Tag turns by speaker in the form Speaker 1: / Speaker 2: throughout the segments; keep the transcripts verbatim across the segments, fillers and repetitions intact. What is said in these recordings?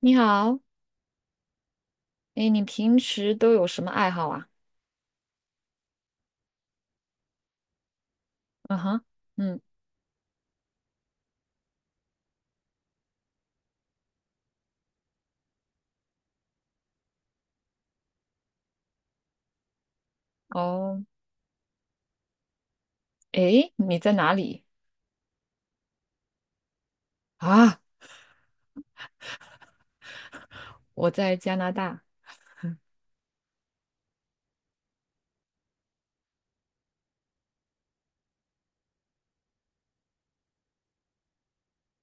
Speaker 1: 你好。哎，你平时都有什么爱好啊？嗯哼。嗯。哦。哎，你在哪里啊？我在加拿大。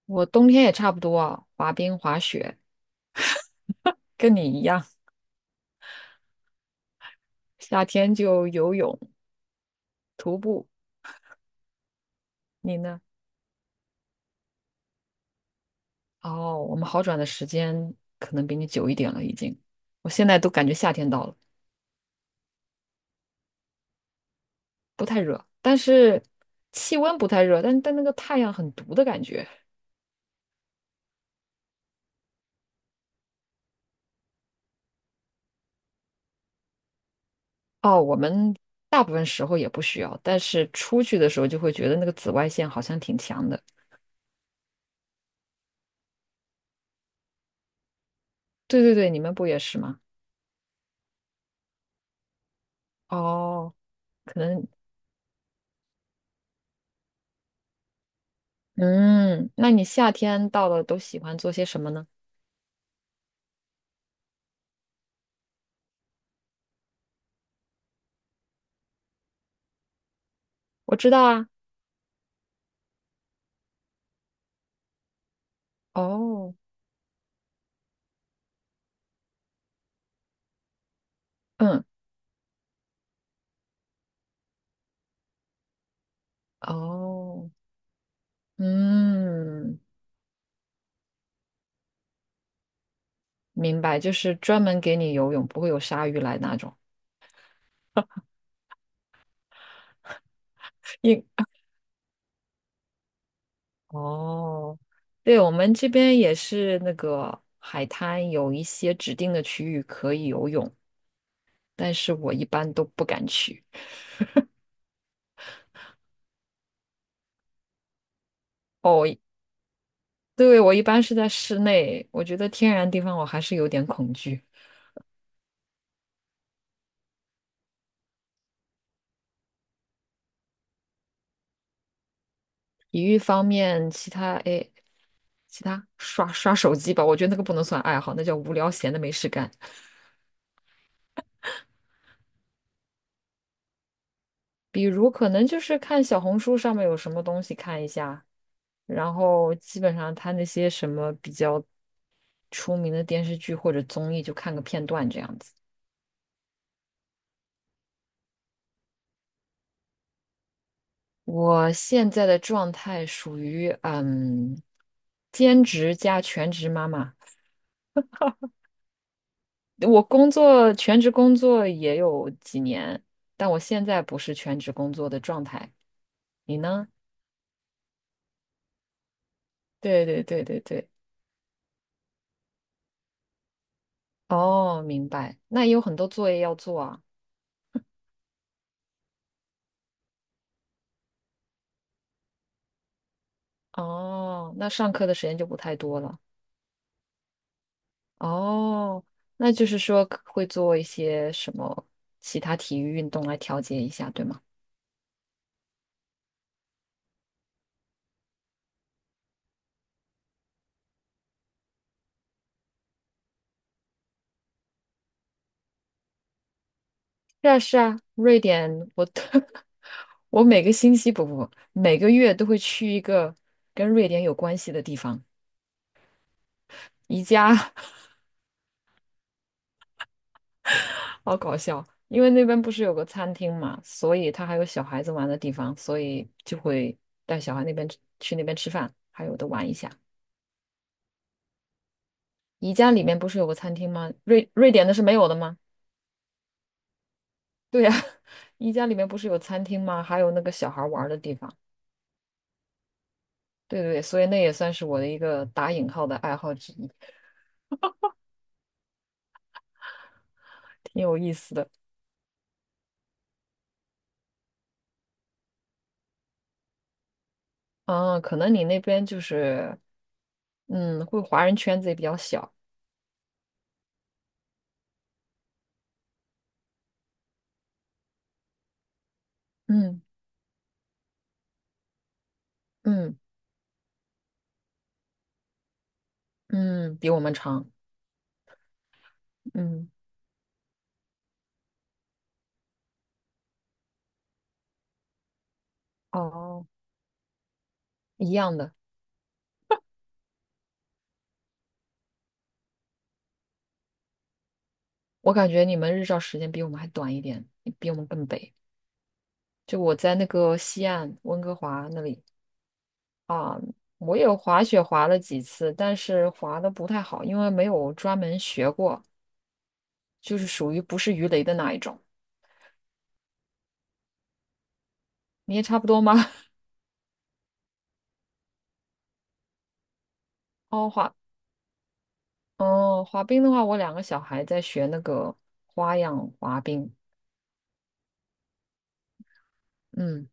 Speaker 1: 我冬天也差不多啊，滑冰、滑雪，跟你一样，夏天就游泳、徒步。你呢？哦，我们好转的时间可能比你久一点了，已经。我现在都感觉夏天到了。不太热，但是气温不太热，但但那个太阳很毒的感觉。哦，我们大部分时候也不需要，但是出去的时候就会觉得那个紫外线好像挺强的。对对对，你们不也是吗？哦，可能，嗯，那你夏天到了都喜欢做些什么呢？我知道啊。哦。嗯。哦。嗯，明白，就是专门给你游泳，不会有鲨鱼来那种。因哦，对，我们这边也是那个海滩有一些指定的区域可以游泳，但是我一般都不敢去。哦，对，我一般是在室内，我觉得天然地方我还是有点恐惧。体育方面，其他哎，其他刷刷手机吧，我觉得那个不能算爱好，那叫无聊闲的没事干。比如可能就是看小红书上面有什么东西看一下，然后基本上他那些什么比较出名的电视剧或者综艺就看个片段这样子。我现在的状态属于嗯，兼职加全职妈妈。我工作全职工作也有几年，但我现在不是全职工作的状态。你呢？对对对对对。哦，明白。那也有很多作业要做啊。哦，那上课的时间就不太多了。哦，那就是说可会做一些什么其他体育运动来调节一下，对吗？是啊，是啊，瑞典，我 我每个星期不不不，每个月都会去一个跟瑞典有关系的地方，宜家。好搞笑，因为那边不是有个餐厅嘛，所以他还有小孩子玩的地方，所以就会带小孩那边吃去那边吃饭，还有的玩一下。宜家里面不是有个餐厅吗？瑞瑞典的是没有的吗？对呀、宜家里面不是有餐厅吗？还有那个小孩玩儿的地方。对对对，所以那也算是我的一个打引号的爱好之一，挺有意思的。嗯，可能你那边就是，嗯，会华人圈子也比较小。嗯嗯嗯，比我们长。嗯。哦。一样的。我感觉你们日照时间比我们还短一点，比我们更北。就我在那个西岸温哥华那里啊，我有滑雪滑了几次，但是滑的不太好，因为没有专门学过，就是属于不是鱼雷的那一种。你也差不多吗？哦，滑，哦，滑冰的话，我两个小孩在学那个花样滑冰。嗯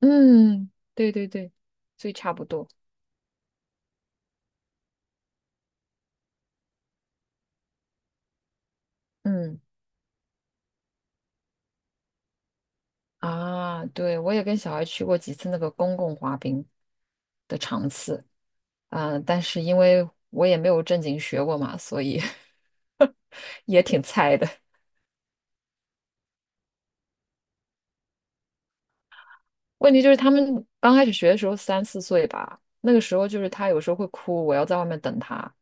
Speaker 1: 嗯，对对对，所以差不多。嗯。啊，对，我也跟小孩去过几次那个公共滑冰的场次。嗯，但是因为我也没有正经学过嘛，所以 也挺菜的。问题就是他们刚开始学的时候三四岁吧，那个时候就是他有时候会哭，我要在外面等他。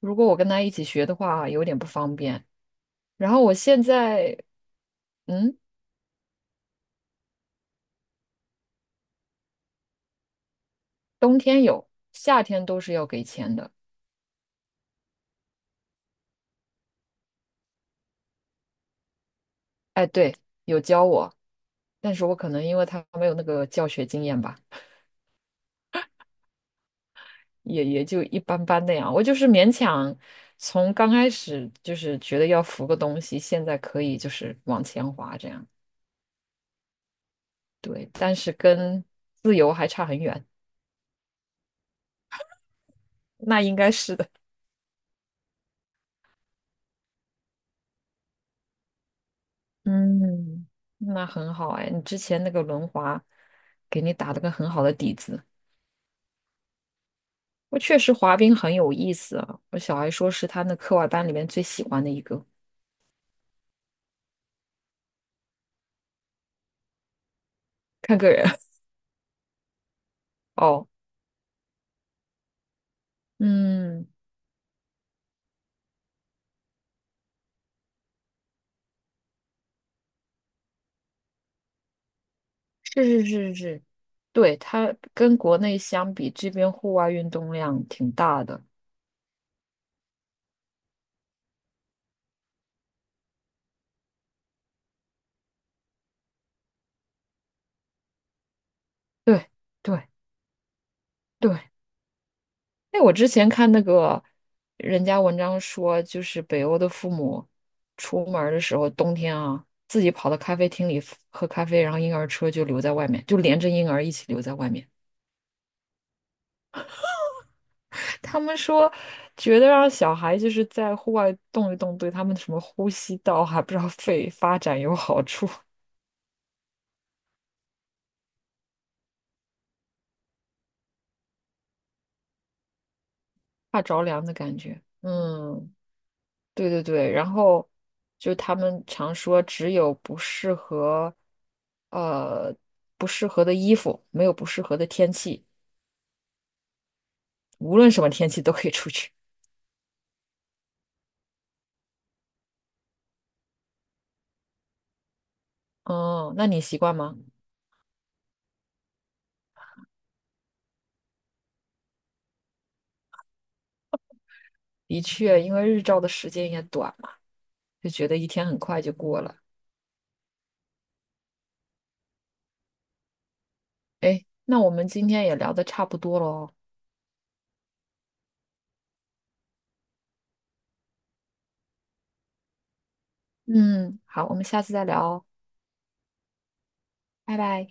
Speaker 1: 如果我跟他一起学的话，有点不方便。然后我现在，嗯，冬天有，夏天都是要给钱的。哎，对，有教我，但是我可能因为他没有那个教学经验吧，也也就一般般那样。我就是勉强从刚开始就是觉得要扶个东西，现在可以就是往前滑这样。对，但是跟自由还差很远，那应该是的。嗯，那很好哎，你之前那个轮滑给你打了个很好的底子。我确实滑冰很有意思啊，我小孩说是他那课外班里面最喜欢的一个。看个人。 哦。嗯，是是是是，对，它跟国内相比，这边户外运动量挺大的。对对对。哎，我之前看那个人家文章说，就是北欧的父母出门儿的时候，冬天啊，自己跑到咖啡厅里喝咖啡，然后婴儿车就留在外面，就连着婴儿一起留在外面。他们说，觉得让小孩就是在户外动一动，对他们什么呼吸道还不知道肺发展有好处。怕着凉的感觉。嗯，对对对。然后就他们常说，只有不适合，呃，不适合的衣服，没有不适合的天气，无论什么天气都可以出去。哦，那你习惯吗？的确，因为日照的时间也短嘛，就觉得一天很快就过了。哎，那我们今天也聊的差不多喽。嗯，好，我们下次再聊哦，拜拜。